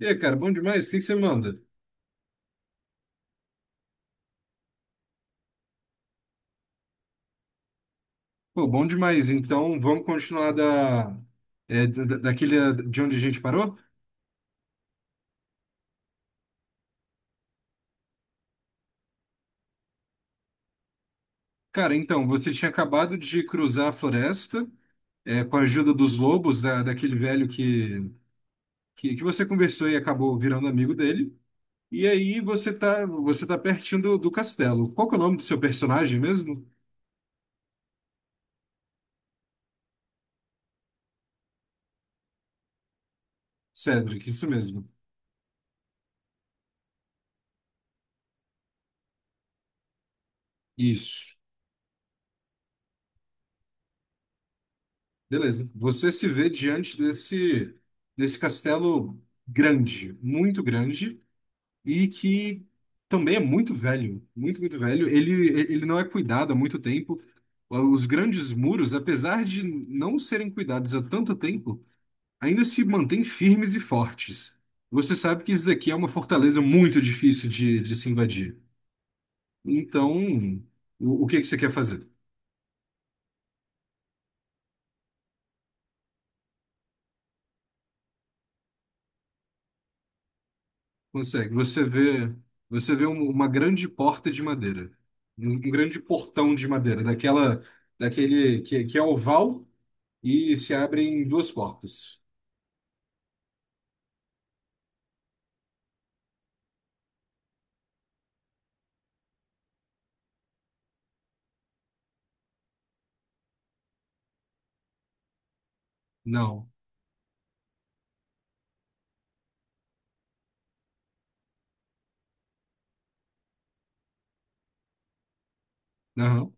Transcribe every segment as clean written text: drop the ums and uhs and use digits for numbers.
E aí, cara, bom demais? O que que você manda? Pô, bom demais. Então, vamos continuar da, daquele de onde a gente parou? Cara, então, você tinha acabado de cruzar a floresta, com a ajuda dos lobos, daquele velho que você conversou e acabou virando amigo dele. E aí você tá pertinho do castelo. Qual que é o nome do seu personagem mesmo? Cedric, isso mesmo. Isso. Beleza. Você se vê diante desse, desse castelo grande, muito grande, e que também é muito velho, muito, muito velho. Ele não é cuidado há muito tempo. Os grandes muros, apesar de não serem cuidados há tanto tempo, ainda se mantêm firmes e fortes. Você sabe que isso aqui é uma fortaleza muito difícil de se invadir. Então, o que é que você quer fazer? Consegue. Você vê uma grande porta de madeira, um grande portão de madeira, daquele que é oval e se abrem duas portas. Não. Não.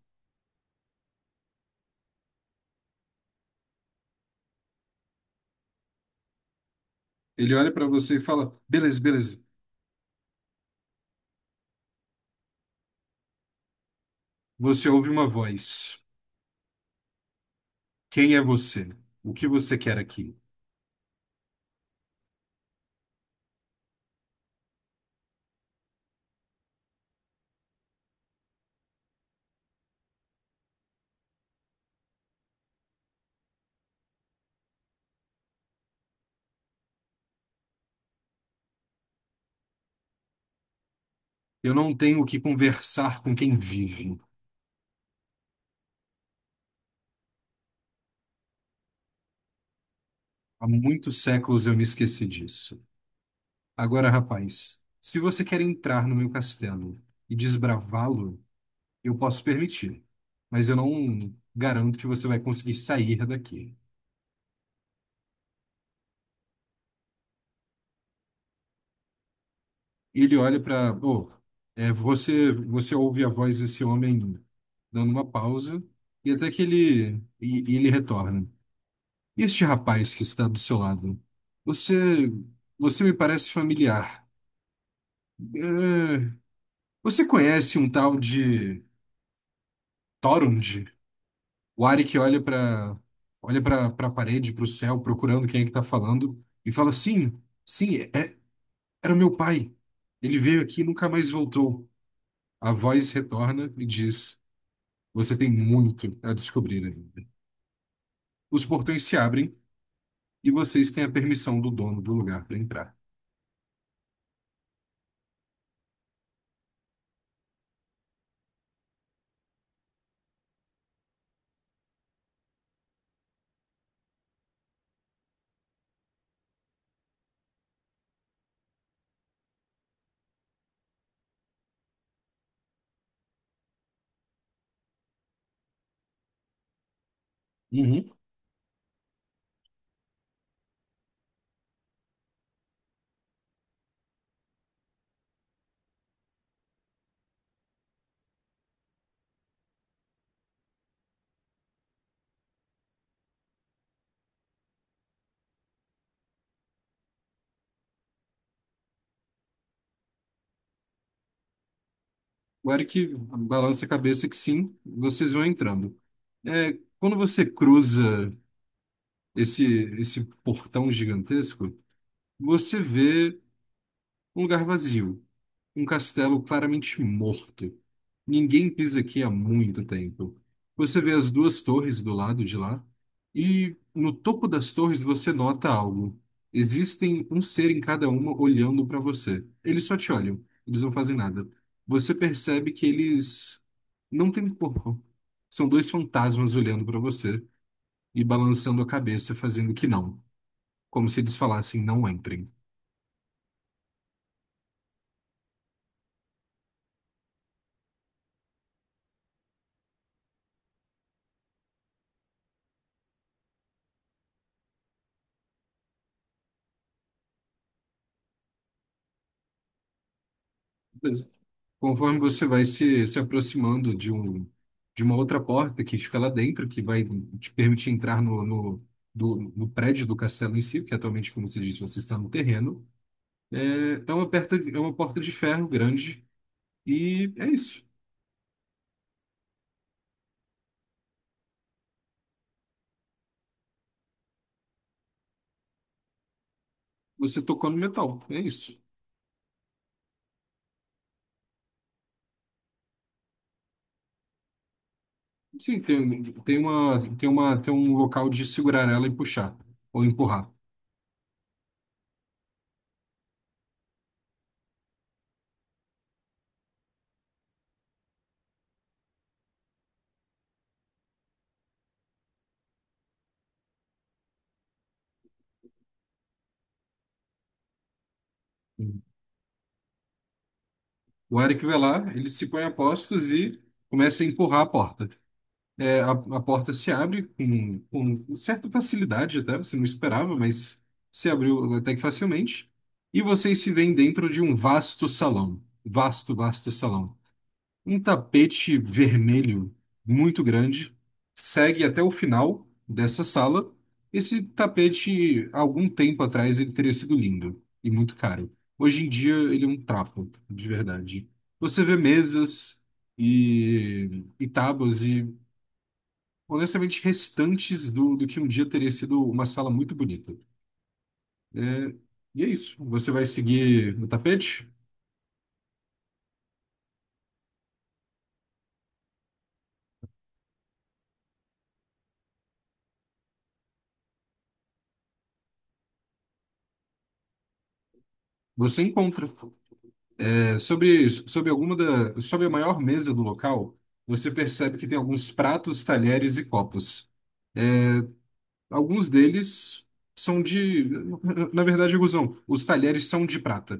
Ele olha para você e fala: Beleza, beleza. Você ouve uma voz. Quem é você? O que você quer aqui? Eu não tenho que conversar com quem vive. Há muitos séculos eu me esqueci disso. Agora, rapaz, se você quer entrar no meu castelo e desbravá-lo, eu posso permitir. Mas eu não garanto que você vai conseguir sair daqui. E ele olha para, oh, é, você ouve a voz desse homem ainda, dando uma pausa e até que ele, e ele retorna. E este rapaz que está do seu lado, você, você me parece familiar. É, você conhece um tal de Torund? O Ari que olha para, olha para a parede, para o céu, procurando quem é que está falando e fala: Sim, sim, é, era meu pai. Ele veio aqui e nunca mais voltou. A voz retorna e diz: Você tem muito a descobrir ainda. Os portões se abrem e vocês têm a permissão do dono do lugar para entrar. Uhum. O Eric balança a cabeça que sim, vocês vão entrando. É, quando você cruza esse, esse portão gigantesco, você vê um lugar vazio. Um castelo claramente morto. Ninguém pisa aqui há muito tempo. Você vê as duas torres do lado de lá, e no topo das torres você nota algo. Existem um ser em cada uma olhando para você. Eles só te olham, eles não fazem nada. Você percebe que eles não têm corpo. São dois fantasmas olhando para você e balançando a cabeça, fazendo que não, como se eles falassem: não entrem. Conforme você vai se aproximando de um, de uma outra porta que fica lá dentro, que vai te permitir entrar no prédio do castelo em si, que atualmente, como você disse, você está no terreno. É, é uma porta de ferro grande e é isso. Você tocou no metal, é isso. Sim, tem um local de segurar ela e puxar, ou empurrar. O Eric vai lá, ele se põe a postos e começa a empurrar a porta. A porta se abre com certa facilidade até, você não esperava, mas se abriu até que facilmente. E vocês se veem dentro de um vasto salão. Vasto, vasto salão. Um tapete vermelho muito grande segue até o final dessa sala. Esse tapete, há algum tempo atrás, ele teria sido lindo e muito caro. Hoje em dia, ele é um trapo, de verdade. Você vê mesas e tábuas e, honestamente, restantes do que um dia teria sido uma sala muito bonita. É, e é isso. Você vai seguir no tapete? Você encontra. É, sobre a maior mesa do local, você percebe que tem alguns pratos, talheres e copos. Alguns deles são de, na verdade, Guzão, os talheres são de prata.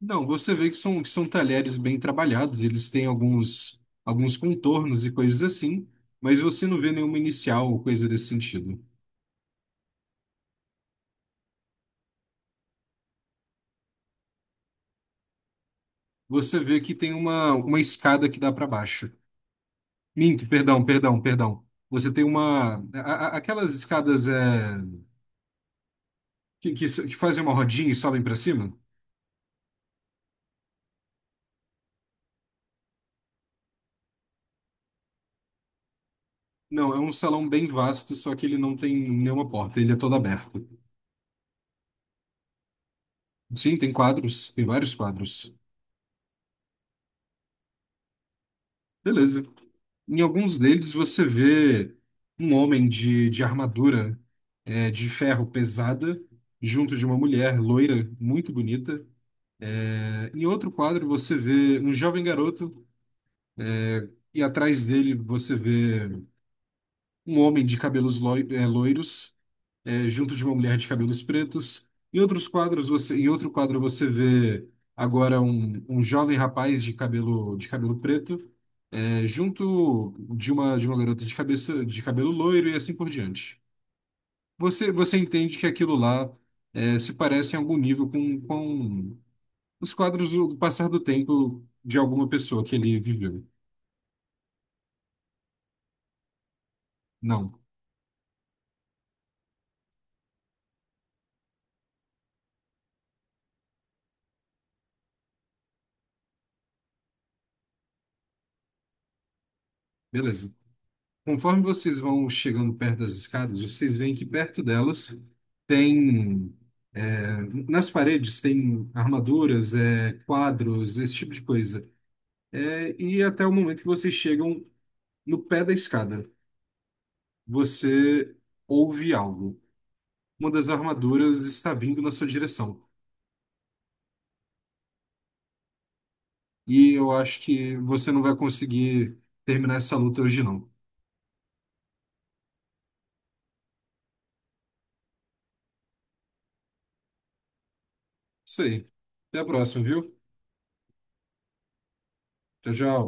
Não, você vê que são talheres bem trabalhados, eles têm alguns, alguns contornos e coisas assim, mas você não vê nenhuma inicial ou coisa desse sentido. Você vê que tem uma escada que dá para baixo. Minto, perdão, perdão, perdão. Você tem uma. Aquelas escadas, é, que fazem uma rodinha e sobem para cima? Não, é um salão bem vasto, só que ele não tem nenhuma porta, ele é todo aberto. Sim, tem quadros, tem vários quadros. Beleza. Em alguns deles você vê um homem de armadura, é, de ferro pesada, junto de uma mulher loira, muito bonita. É, em outro quadro, você vê um jovem garoto, é, e atrás dele você vê um homem de cabelos loiros, é, junto de uma mulher de cabelos pretos. Em outros quadros, você, em outro quadro, você vê agora um jovem rapaz de cabelo preto, é, junto de uma garota de cabeça, de cabelo loiro e assim por diante. Você, você entende que aquilo lá, é, se parece em algum nível com os quadros do passar do tempo de alguma pessoa que ele viveu. Não. Beleza. Conforme vocês vão chegando perto das escadas, vocês veem que perto delas tem, é, nas paredes tem armaduras, é, quadros, esse tipo de coisa. É, e até o momento que vocês chegam no pé da escada, você ouve algo. Uma das armaduras está vindo na sua direção. E eu acho que você não vai conseguir terminar essa luta hoje, não. Isso aí. Até a próxima, viu? Tchau, tchau.